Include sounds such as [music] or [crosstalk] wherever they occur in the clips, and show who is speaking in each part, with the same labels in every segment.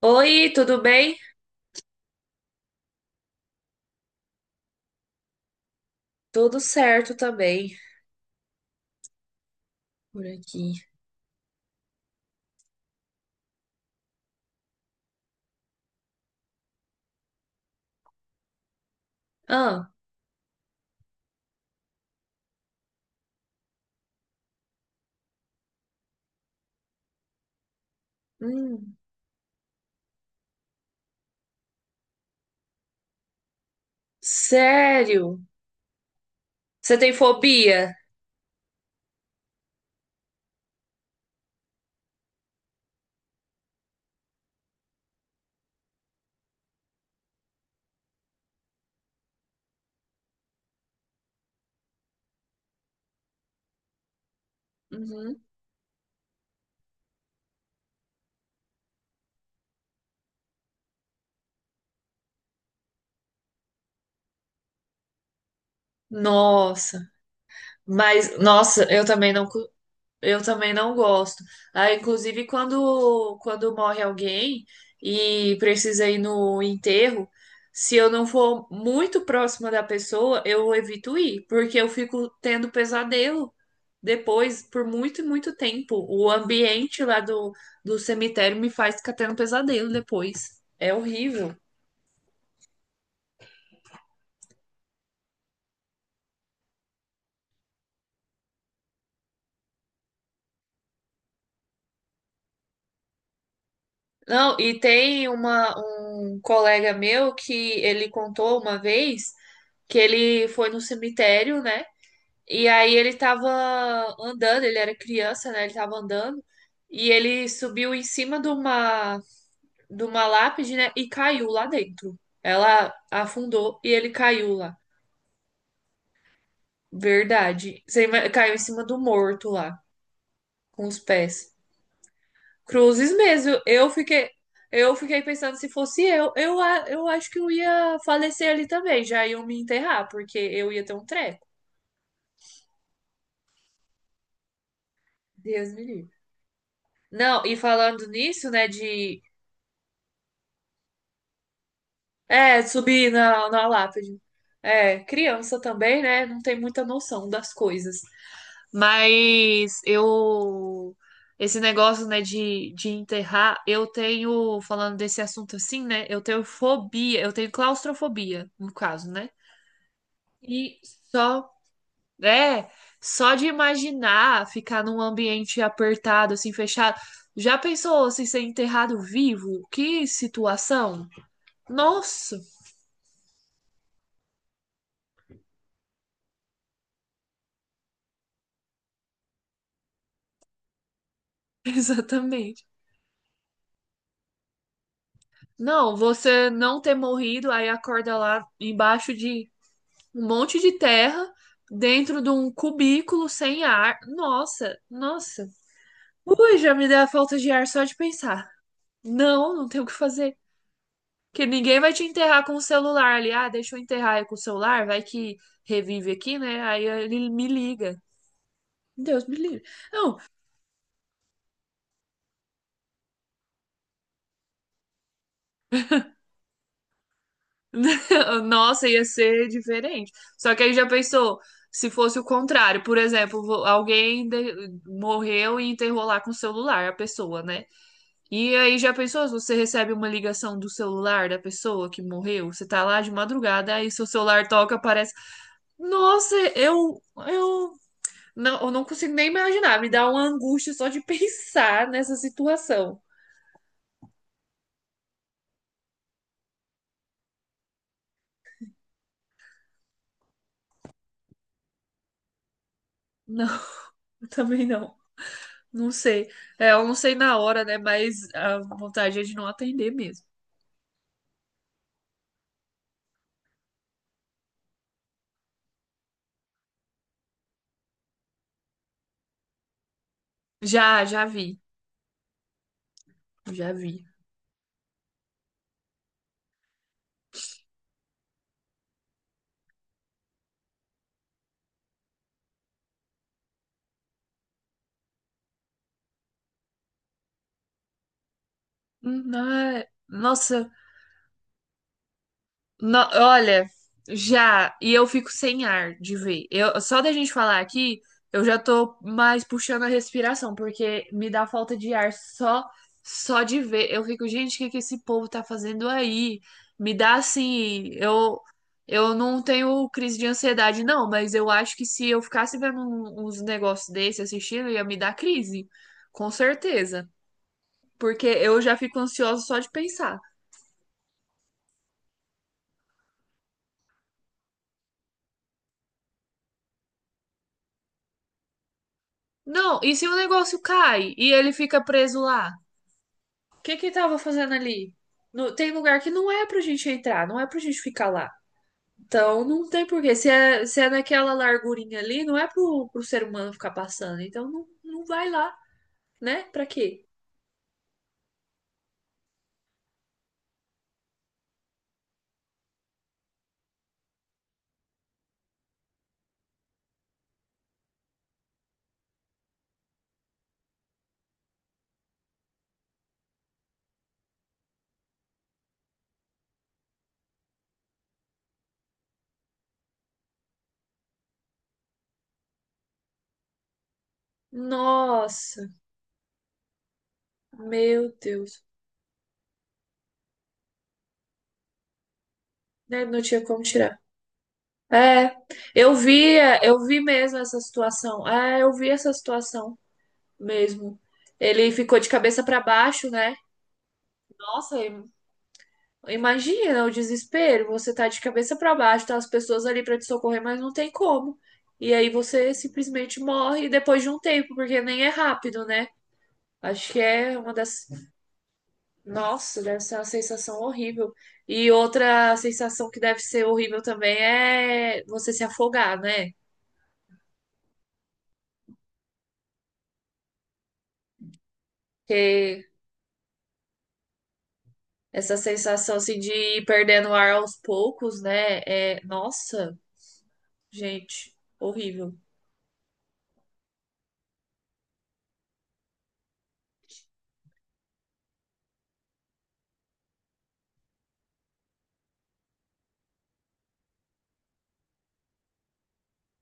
Speaker 1: Oi, tudo bem? Tudo certo também por aqui. Ah, hum, Sério? Você tem fobia? Uhum. Nossa, mas nossa, eu também não, eu também não gosto. Ah, inclusive quando morre alguém e precisa ir no enterro, se eu não for muito próxima da pessoa, eu evito ir, porque eu fico tendo pesadelo. Depois, por muito e muito tempo, o ambiente do cemitério me faz ficar tendo pesadelo depois. É horrível. Não, E tem um colega meu que ele contou uma vez que ele foi no cemitério, né? E aí ele tava andando, ele era criança, né? Ele tava andando e ele subiu em cima de uma lápide, né? E caiu lá dentro. Ela afundou e ele caiu lá. Verdade. Caiu em cima do morto lá, com os pés. Cruzes mesmo. Eu fiquei pensando se fosse eu, eu acho que eu ia falecer ali também. Já iam me enterrar, porque eu ia ter um treco. Deus me livre. Não, e falando nisso, né, de é, subir na lápide. É, criança também, né, não tem muita noção das coisas. Mas eu. Esse negócio, né, de enterrar, eu tenho, falando desse assunto assim, né, eu tenho fobia, eu tenho claustrofobia, no caso, né? E só. É, só de imaginar ficar num ambiente apertado, assim, fechado. Já pensou se ser enterrado vivo? Que situação? Nossa, [laughs] exatamente. Não, você não ter morrido, aí acorda lá embaixo de um monte de terra dentro de um cubículo sem ar. Nossa, nossa. Ui, já me deu a falta de ar só de pensar. Não, não tem o que fazer. Que ninguém vai te enterrar com o celular ali. Ah, deixa eu enterrar aí com o celular, vai que revive aqui, né? Aí ele me liga. Deus me livre. Não, [laughs] nossa, ia ser diferente. Só que aí já pensou, se fosse o contrário, por exemplo, morreu e enterrou lá com o celular a pessoa, né? E aí, já pensou se você recebe uma ligação do celular da pessoa que morreu? Você tá lá de madrugada, aí seu celular toca, aparece. Nossa, eu não consigo nem imaginar. Me dá uma angústia só de pensar nessa situação. Não, [laughs] eu também não. Não sei. É, eu não sei na hora, né? Mas a vontade é de não atender mesmo. Já, já vi. Já vi. Não é- Nossa, olha, já, e eu fico sem ar de ver. Eu, só da gente falar aqui, eu já tô mais puxando a respiração, porque me dá falta de ar só de ver. Eu fico, gente, o que que esse povo tá fazendo aí? Me dá assim, eu não tenho crise de ansiedade, não, mas eu acho que se eu ficasse vendo uns negócios desse, assistindo, ia me dar crise, com certeza. Porque eu já fico ansiosa só de pensar. Não, e se o negócio cai e ele fica preso lá? O que que tava fazendo ali? Tem lugar que não é pra gente entrar, não é pra gente ficar lá. Então não tem porquê. Se é naquela largurinha ali, não é pro ser humano ficar passando. Então não, não vai lá, né? Pra quê? Nossa, meu Deus. Né, não tinha como tirar. É, É, eu vi mesmo essa situação. É, eu vi essa situação mesmo. Ele ficou de cabeça pra baixo, né? Nossa, imagina o desespero, você tá de cabeça pra baixo, tá as pessoas ali pra te socorrer, mas não tem como. E aí você simplesmente morre depois de um tempo, porque nem é rápido, né? Acho que é uma das. Nossa, deve ser uma sensação horrível. E outra sensação que deve ser horrível também é você se afogar, né? Porque essa sensação assim de ir perdendo o ar aos poucos, né? Nossa, gente, horrível.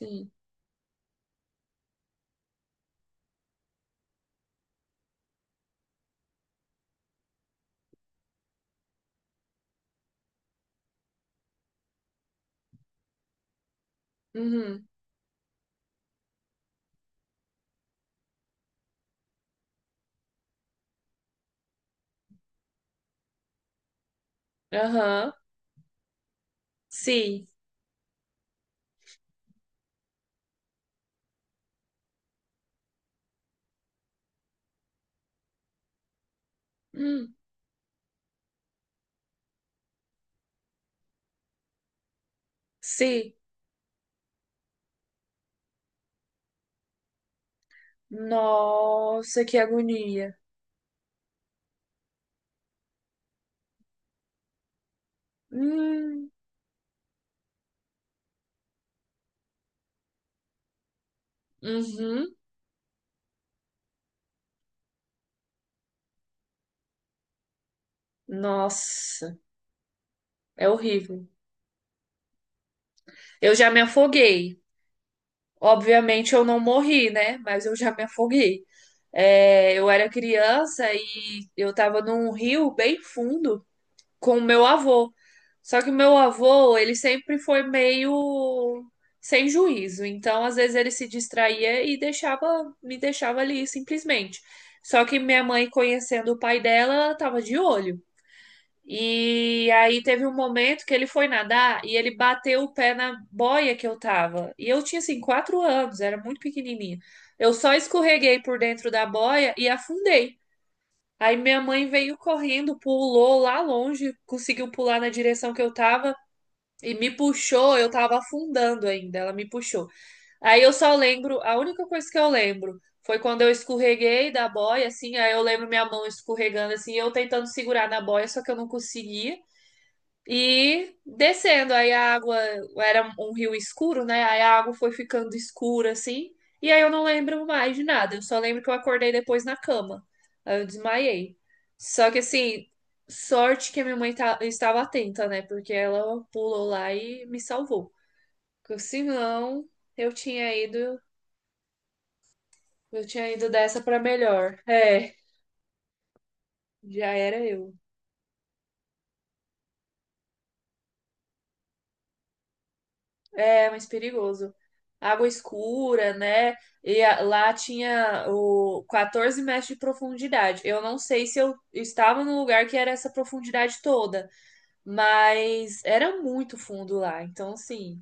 Speaker 1: Sim. Uhum. Aham. Sim. Hum. Sim. Nossa, que agonia. Hum, uhum. Nossa, é horrível. Eu já me afoguei. Obviamente eu não morri, né? Mas eu já me afoguei. É, eu era criança e eu tava num rio bem fundo, com o meu avô. Só que o meu avô, ele sempre foi meio sem juízo. Então, às vezes ele se distraía e me deixava ali simplesmente. Só que minha mãe, conhecendo o pai dela, ela tava de olho. E aí teve um momento que ele foi nadar e ele bateu o pé na boia que eu tava. E eu tinha assim 4 anos, era muito pequenininha. Eu só escorreguei por dentro da boia e afundei. Aí minha mãe veio correndo, pulou lá longe, conseguiu pular na direção que eu tava e me puxou. Eu tava afundando ainda, ela me puxou. Aí eu só lembro, a única coisa que eu lembro foi quando eu escorreguei da boia, assim. Aí eu lembro minha mão escorregando, assim, eu tentando segurar na boia, só que eu não conseguia. E descendo, aí a água era um rio escuro, né? Aí a água foi ficando escura assim. E aí eu não lembro mais de nada. Eu só lembro que eu acordei depois na cama. Aí eu desmaiei. Só que assim, sorte que a minha mãe estava atenta, né? Porque ela pulou lá e me salvou. Porque senão eu tinha ido, eu tinha ido dessa para melhor. É, já era eu. É, mais perigoso. Água escura, né? Lá tinha o 14 metros de profundidade. Eu não sei se eu estava no lugar que era essa profundidade toda, mas era muito fundo lá. Então, assim,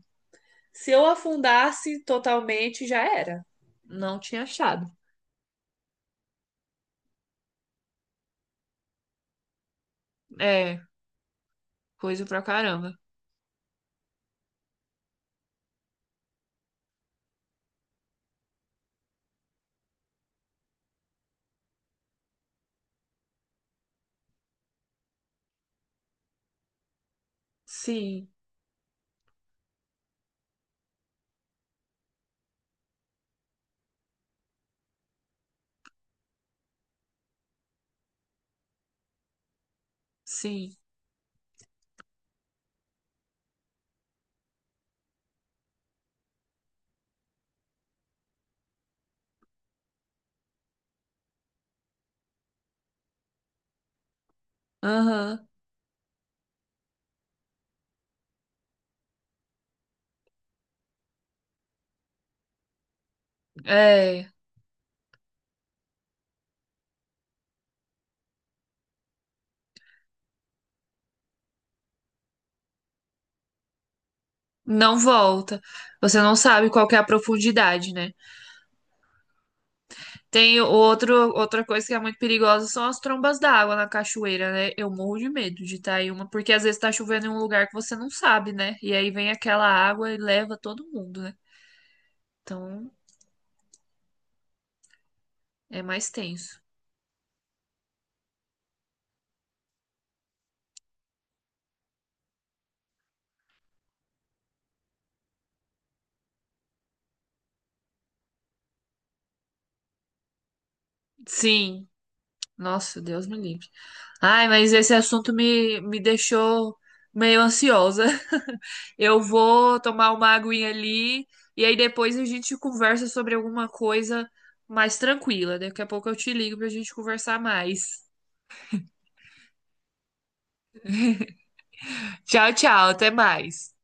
Speaker 1: se eu afundasse totalmente, já era. Não tinha achado. É, coisa pra caramba. Sim, sim. Aham. É, não volta. Você não sabe qual que é a profundidade, né? Tem outro, outra coisa que é muito perigosa são as trombas d'água na cachoeira, né? Eu morro de medo de estar em uma, porque às vezes tá chovendo em um lugar que você não sabe, né? E aí vem aquela água e leva todo mundo, né? Então é mais tenso. Sim, nossa, Deus me livre. Ai, mas esse assunto me deixou meio ansiosa. [laughs] Eu vou tomar uma aguinha ali e aí depois a gente conversa sobre alguma coisa mais tranquila. Daqui a pouco eu te ligo pra gente conversar mais. Tchau, tchau. Até mais.